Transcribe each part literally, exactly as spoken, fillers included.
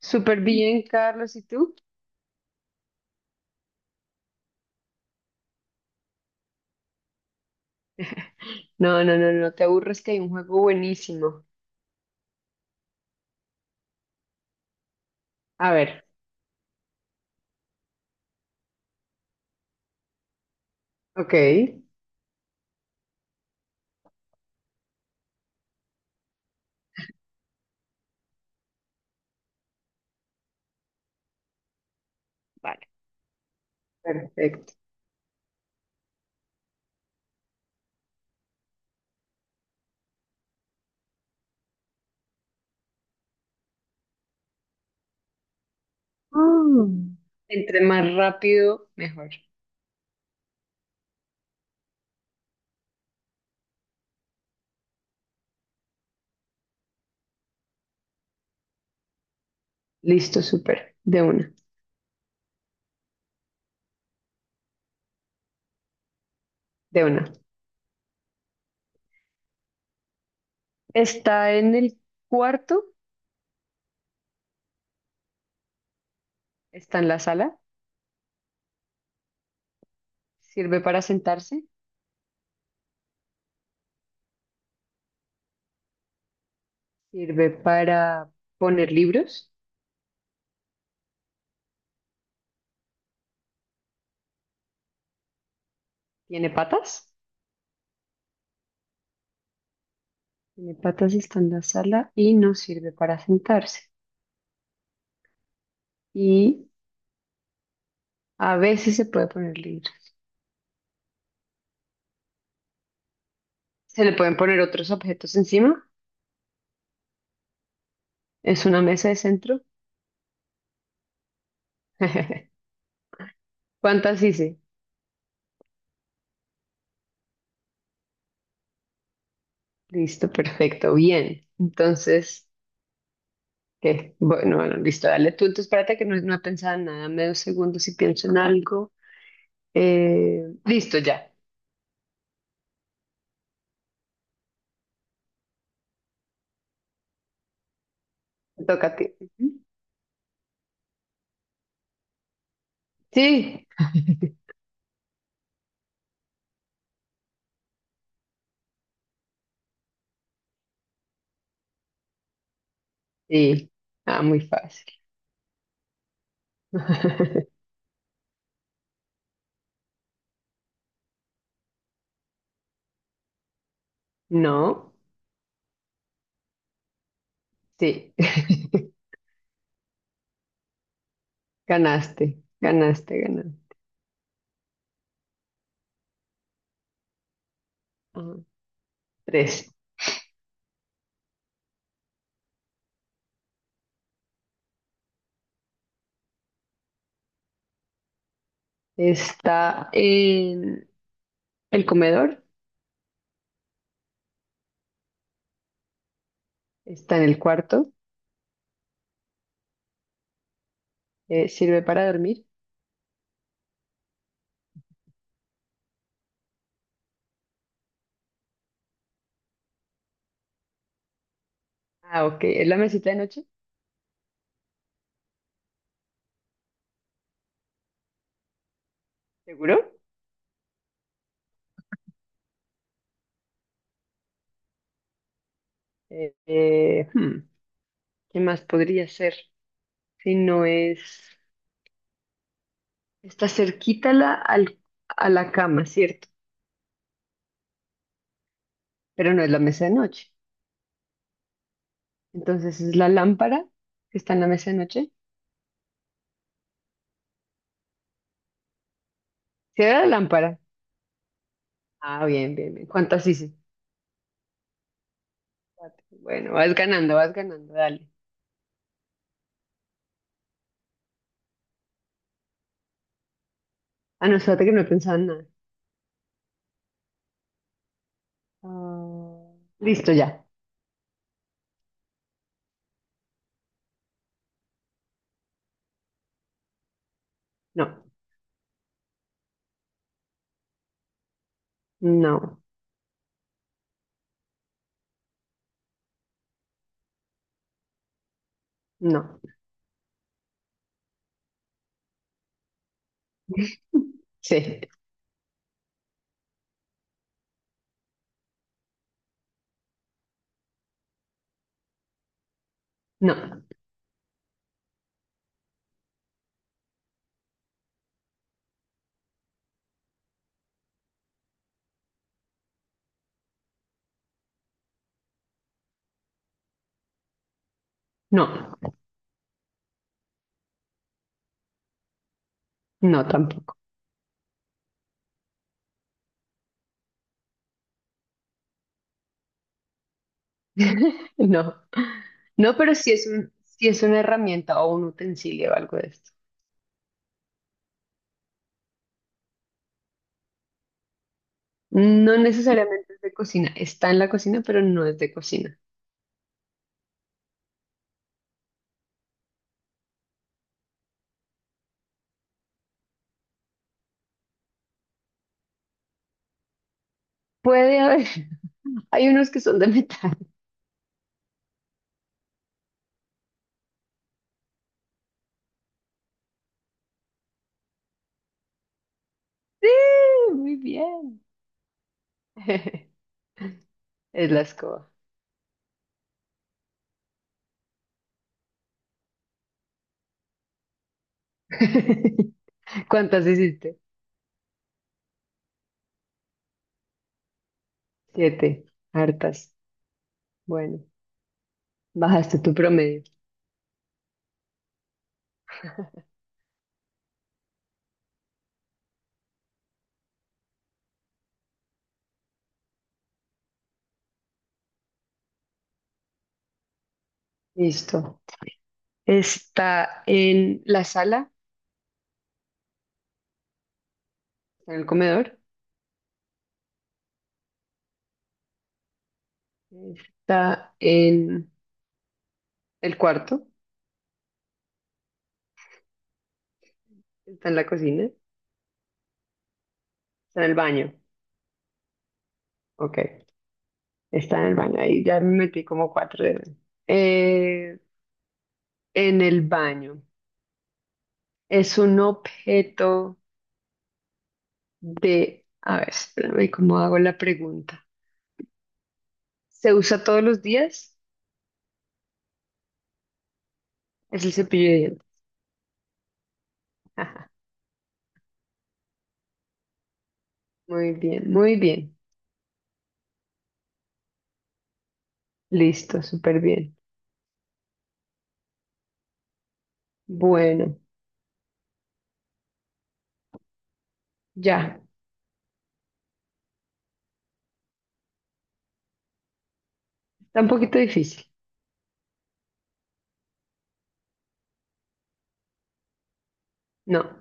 Súper bien, Carlos, ¿y tú? No, no, no, no te aburres que hay un juego buenísimo. A ver, ok, vale, perfecto. Mm. Entre más rápido, mejor. Listo, súper, de una, de una. Está en el cuarto, está en la sala, sirve para sentarse, sirve para poner libros, tiene patas, tiene patas, y está en la sala y no sirve para sentarse. Y a veces se puede poner libros. Se le pueden poner otros objetos encima. Es una mesa de centro. ¿Cuántas hice? Listo, perfecto, bien. Entonces, ¿qué? Bueno, bueno, listo, dale tú. Entonces, espérate que no, no pensaba en nada. Medio segundo si pienso en algo. Eh, listo, ya. Te toca a ti. Ujú. Sí, sí. Ah, muy fácil. No, sí. Ganaste, ganaste, ganaste. Ah, tres. Está en el comedor. Está en el cuarto. Eh, ¿sirve para dormir? Ah, ok. ¿Es la mesita de noche? ¿Seguro? Eh, eh, hmm, ¿Qué más podría ser? Si no es... Está cerquita la, al- a la cama, ¿cierto? Pero no es la mesa de noche. Entonces, ¿es la lámpara que está en la mesa de noche? ¿Sí era la lámpara? Ah, bien, bien, bien. ¿Cuántas hice? Cuatro. Bueno, vas ganando, vas ganando, dale. Ah, no, espérate que no he pensado en nada. Ah, listo, ya. No, no, no. Sí, no. No, no tampoco. No, no, pero sí es un, sí es una herramienta o un utensilio o algo de esto. No necesariamente es de cocina, está en la cocina, pero no es de cocina. Puede haber, hay unos que son de metal. Sí, muy bien. Es la escoba. ¿Cuántas hiciste? Siete, hartas. Bueno, bajaste tu promedio. Listo. Está en la sala, en el comedor. Está en el cuarto, está en la cocina, está en el baño. Ok, está en el baño. Ahí ya me metí como cuatro dedos. Eh, en el baño. Es un objeto de... A ver, espérame, ¿cómo hago la pregunta? ¿Se usa todos los días? Es el cepillo de dientes. Ajá, muy bien, muy bien. Listo, súper bien. Bueno, ya. Está un poquito difícil. No,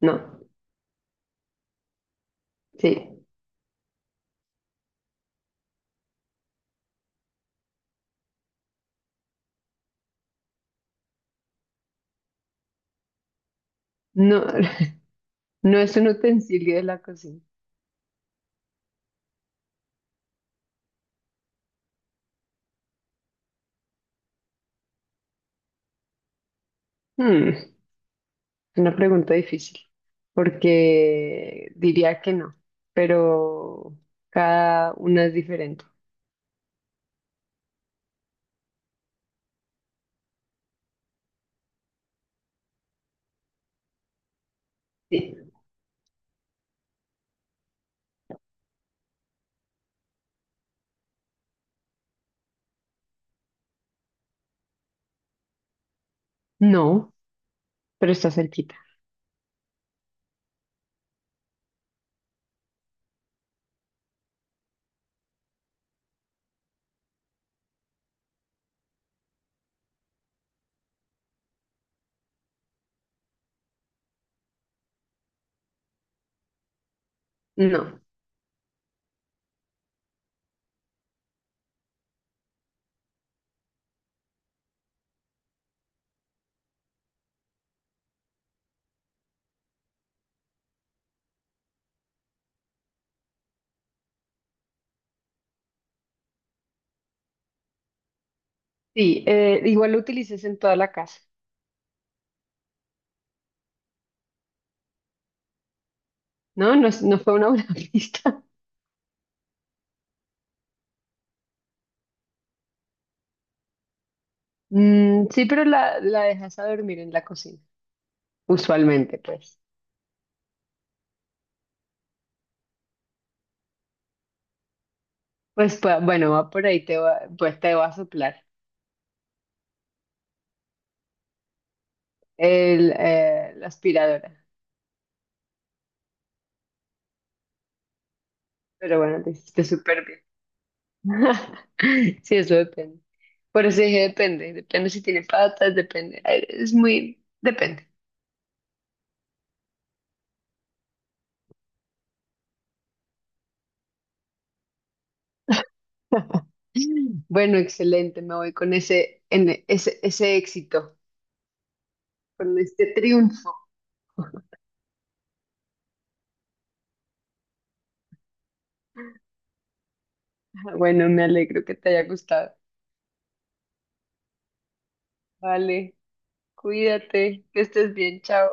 no, sí. No, no es un utensilio de la cocina. Hmm. Una pregunta difícil, porque diría que no, pero cada una es diferente. Sí. No, pero está cerquita. No. Sí, eh, igual lo utilices en toda la casa, ¿no? No, es- no fue una buena pista. Mm, sí, pero la, la dejas a dormir en la cocina, usualmente, pues. Pues, pa- bueno, va por ahí, te va, pues te va a soplar el, eh, la aspiradora. Pero bueno, te hiciste súper bien. Sí, eso depende. Por eso dije depende. Depende si tiene patas, depende. Es muy, depende. Bueno, excelente. Me voy con ese, en- ese, ese éxito, con este triunfo. Bueno, me alegro que te haya gustado. Vale, cuídate, que estés bien, chao.